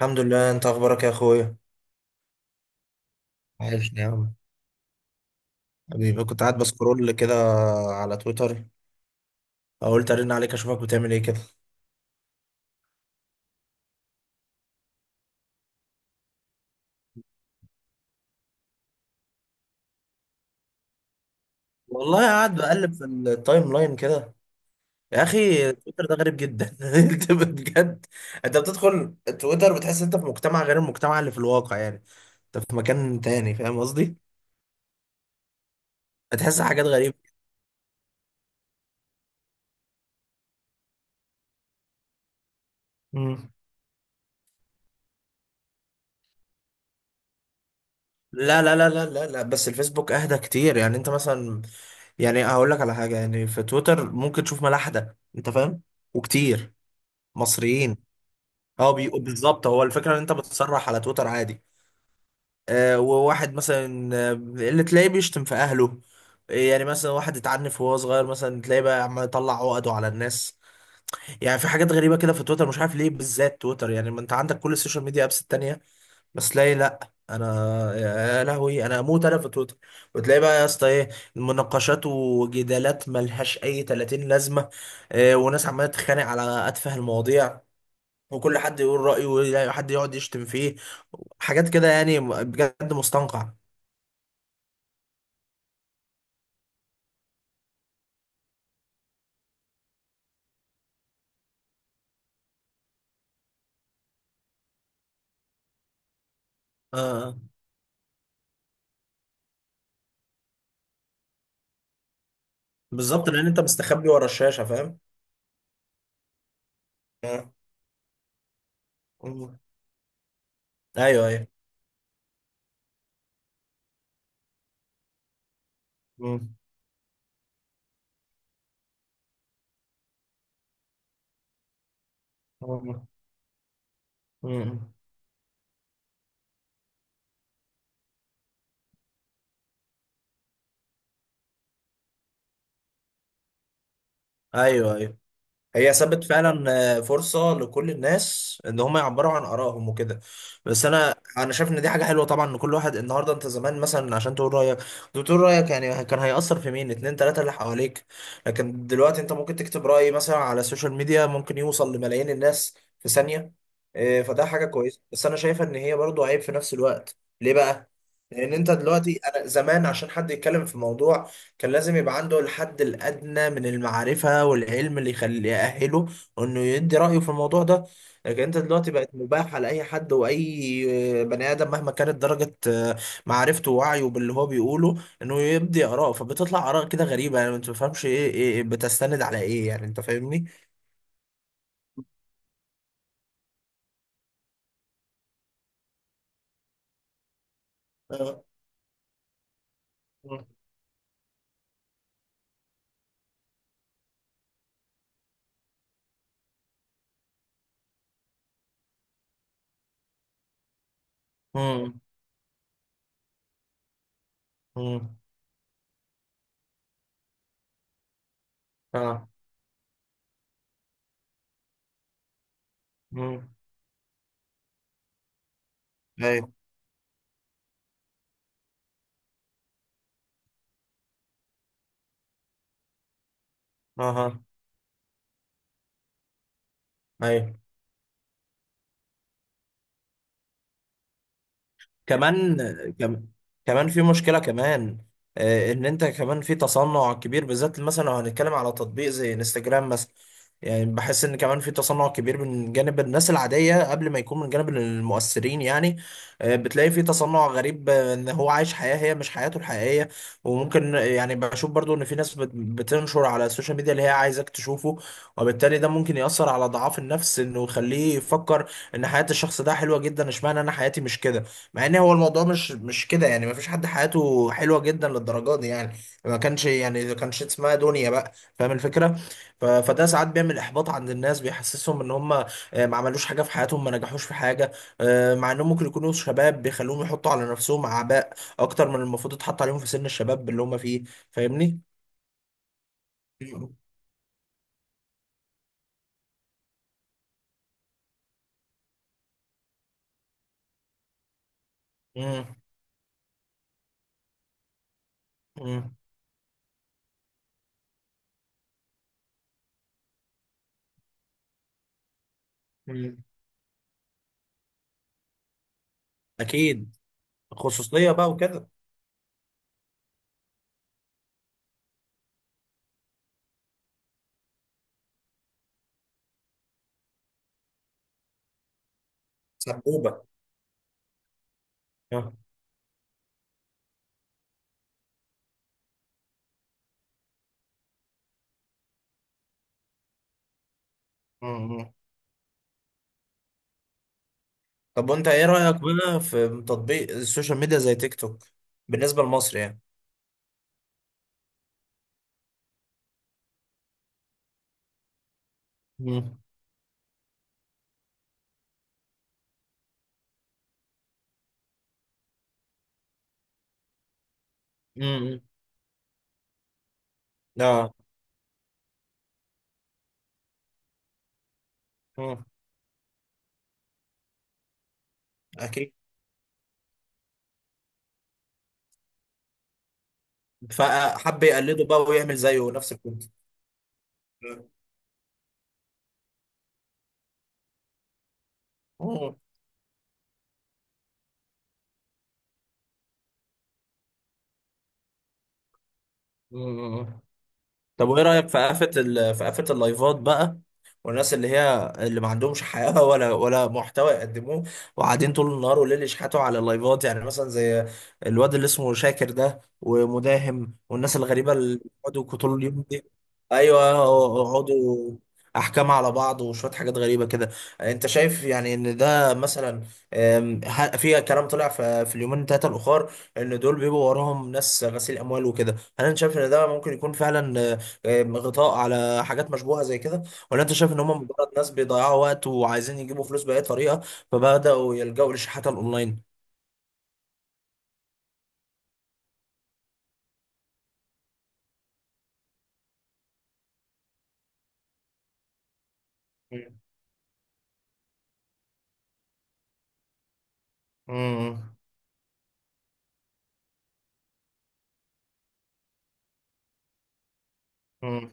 الحمد لله، انت اخبارك يا اخويا؟ وحشني يا عم. حبيبي، كنت قاعد بسكرول كده على تويتر. قلت ارن عليك اشوفك بتعمل ايه كده. والله قاعد بقلب في التايم لاين كده. يا اخي تويتر ده غريب جدا انت بجد. انت بتدخل تويتر بتحس انت في مجتمع غير المجتمع اللي في الواقع، يعني انت في مكان تاني. فاهم قصدي؟ بتحس حاجات غريبة. مم. لا لا لا لا لا لا، بس الفيسبوك اهدى كتير. يعني انت مثلا، يعني هقول لك على حاجة، يعني في تويتر ممكن تشوف ملاحدة انت فاهم، وكتير مصريين. اه بالظبط. هو الفكره ان انت بتصرح على تويتر عادي. آه، وواحد مثلا اللي تلاقيه بيشتم في اهله. يعني مثلا واحد اتعنف وهو صغير، مثلا تلاقيه بقى عمال يطلع عقده على الناس. يعني في حاجات غريبه كده في تويتر. مش عارف ليه بالذات تويتر. يعني ما انت عندك كل السوشيال ميديا ابس التانيه، بس تلاقي لا. انا يا لهوي انا اموت انا في تويتر. وتلاقي بقى يا اسطى ايه، مناقشات وجدالات ملهاش اي 30 لازمه. وناس عماله تتخانق على اتفه المواضيع، وكل حد يقول رأيه، وحد يقعد يشتم فيه. حاجات كده يعني بجد مستنقع. آه بالظبط، لأن أنت مستخبي ورا الشاشة. فاهم. آه. مم. أيوه أيوه. مم. مم. مم. أيوه أيوه. هي سابت فعلا فرصة لكل الناس ان هم يعبروا عن ارائهم وكده. بس انا شايف ان دي حاجة حلوة طبعا، ان كل واحد النهاردة، انت زمان مثلا عشان تقول رأيك كنت بتقول رأيك، يعني كان هيأثر في مين؟ اتنين تلاتة اللي حواليك. لكن دلوقتي انت ممكن تكتب رأي مثلا على السوشيال ميديا ممكن يوصل لملايين الناس في ثانية. فده حاجة كويسة، بس انا شايفة ان هي برضو عيب في نفس الوقت. ليه بقى؟ لان انت دلوقتي، انا زمان عشان حد يتكلم في موضوع كان لازم يبقى عنده الحد الأدنى من المعرفة والعلم اللي يخليه يأهله إنه يدي رأيه في الموضوع ده. لكن أنت دلوقتي بقت مباح على أي حد، وأي بني آدم مهما كانت درجة معرفته ووعيه باللي هو بيقوله إنه يبدي آراء. فبتطلع آراء كده غريبة، يعني ما تفهمش إيه بتستند على إيه. يعني أنت فاهمني؟ آه. امم. امم. اه. امم. ايوه. اها. ايوه. كمان كم- كمان في مشكلة كمان. ان انت كمان في تصنع كبير، بالذات مثلا لو هنتكلم على تطبيق زي انستجرام مثلا. يعني بحس ان كمان في تصنع كبير من جانب الناس العادية قبل ما يكون من جانب المؤثرين. يعني بتلاقي في تصنع غريب، ان هو عايش حياة هي مش حياته الحقيقية. وممكن، يعني بشوف برضو، ان في ناس بتنشر على السوشيال ميديا اللي هي عايزاك تشوفه، وبالتالي ده ممكن يأثر على ضعاف النفس، انه يخليه يفكر ان حياة الشخص ده حلوة جدا، اشمعنى انا حياتي مش كده. مع ان هو الموضوع مش كده، يعني ما فيش حد حياته حلوه جدا للدرجه دي. يعني ما كانش، يعني ما كانش اسمها دنيا بقى. فاهم الفكره؟ فده ساعات بيعمل احباط عند الناس، بيحسسهم ان هم ما عملوش حاجه في حياتهم، ما نجحوش في حاجه. مع انهم ممكن يكونوا شباب، بيخلوهم يحطوا على نفسهم اعباء اكتر من المفروض يتحط عليهم في سن الشباب اللي هم فيه. فاهمني؟ مم. مم. مم. مم. اكيد. خصوصيه بقى وكده. سبوبه. آه. مم. طب وانت ايه رأيك بقى في تطبيق السوشيال ميديا زي تيك توك؟ بالنسبة لمصر يعني. مم. مم. اه. مم. اكيد. فحب يقلده بقى ويعمل زيه نفس الكونت. مم. مم. طب وايه رايك في قفه في قفه اللايفات بقى، والناس اللي هي اللي ما عندهمش حياه ولا محتوى يقدموه، وقاعدين طول النهار والليل يشحتوا على اللايفات. يعني مثلا زي الواد اللي اسمه شاكر ده ومداهم، والناس الغريبه اللي بيقعدوا طول اليوم دي، ايوه، يقعدوا احكام على بعض وشويه حاجات غريبه كده. انت شايف يعني ان ده مثلا، في كلام طلع في اليومين ثلاثه الاخر ان دول بيبقوا وراهم ناس غسيل اموال وكده، هل انت شايف ان ده ممكن يكون فعلا غطاء على حاجات مشبوهة زي كده؟ ولا انت شايف ان هم مجرد ناس بيضيعوا وقت وعايزين يجيبوا فلوس بأي طريقة فبدأوا يلجأوا للشحات الأونلاين؟ مم. مم. مم.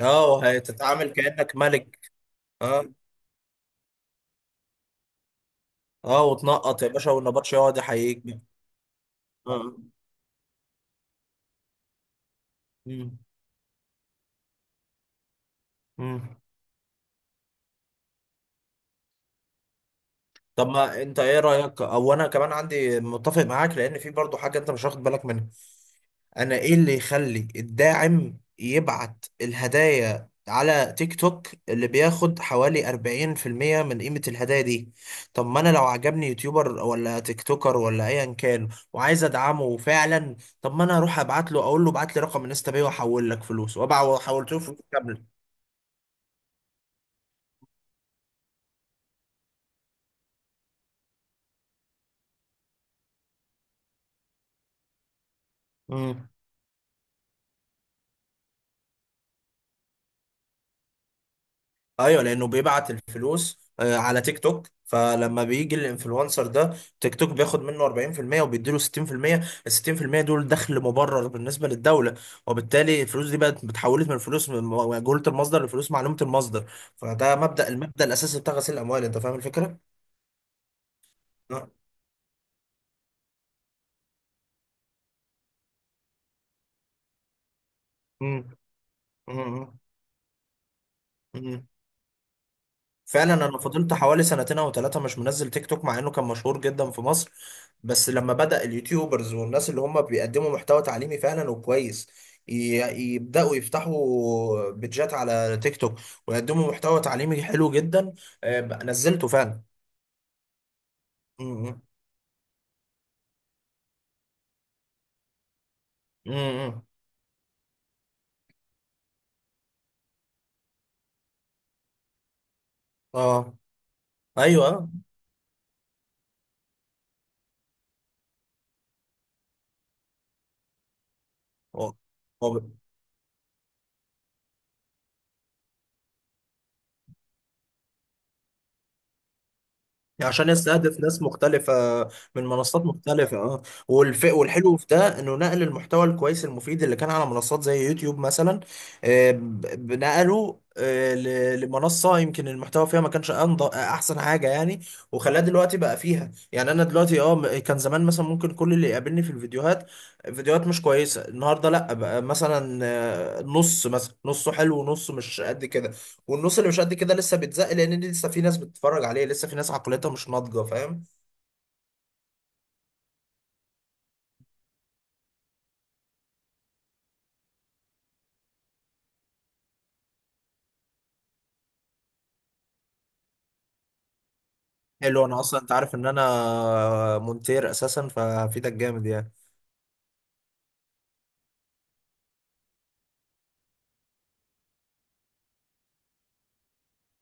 اه، هتتعامل كأنك ملك. اه. اه وتنقط يا باشا والنبطش يقعد يحييك. اه. مم. مم. طب ما انت ايه رأيك، او انا كمان عندي، متفق معاك، لان في برضو حاجة انت مش واخد بالك منها. انا ايه اللي يخلي الداعم يبعت الهدايا على تيك توك اللي بياخد حوالي 40% من قيمة الهدايا دي؟ طب ما انا لو عجبني يوتيوبر ولا تيك توكر ولا ايا كان وعايز ادعمه فعلا، طب ما انا اروح ابعت له اقول له ابعت لي رقم انستا باي واحول لك فلوس، وابع وحولت له فلوس كاملة. مم. ايوه، لانه بيبعت الفلوس على تيك توك. فلما بيجي الانفلونسر ده، تيك توك بياخد منه 40% وبيديله 60%. ال 60% دول دخل مبرر بالنسبه للدوله. وبالتالي الفلوس دي بقت اتحولت من فلوس من مجهوله المصدر لفلوس معلومه المصدر. فده المبدا الاساسي بتاع غسيل الاموال. انت فاهم الفكره؟ آه. مم. مم. مم. فعلا انا فضلت حوالي سنتين او ثلاثه مش منزل تيك توك، مع انه كان مشهور جدا في مصر. بس لما بدأ اليوتيوبرز والناس اللي هم بيقدموا محتوى تعليمي فعلا وكويس ي- يبدأوا يفتحوا بيدجات على تيك توك ويقدموا محتوى تعليمي حلو جدا، نزلته فعلا. م- م- م- م. اه. ايوه. آه. هو- هو يعني عشان يستهدف ناس مختلفة من منصات مختلفة. اه والحلو في ده انه نقل المحتوى الكويس المفيد اللي كان على منصات زي يوتيوب مثلا، آه، ب- نقله لمنصة يمكن المحتوى فيها ما كانش احسن حاجة يعني. وخلاه دلوقتي بقى فيها. يعني انا دلوقتي كان زمان مثلا ممكن كل اللي يقابلني في الفيديوهات فيديوهات مش كويسة. النهاردة لا، بقى مثلا نص مثلا نصه حلو ونصه مش قد كده، والنص اللي مش قد كده لسه بيتزق، لان لسه في ناس بتتفرج عليه، لسه في ناس عقليتها مش ناضجه. فاهم؟ حلو، انا اصلا انت عارف ان انا مونتير اساسا، فهفيدك جامد يعني.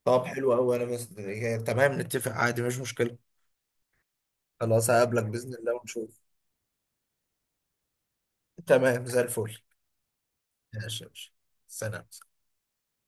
طب حلو قوي، انا بس يعني تمام، نتفق عادي، مش مشكله. خلاص هقابلك باذن الله ونشوف. تمام زي الفل. ماشي يا باشا. سلام.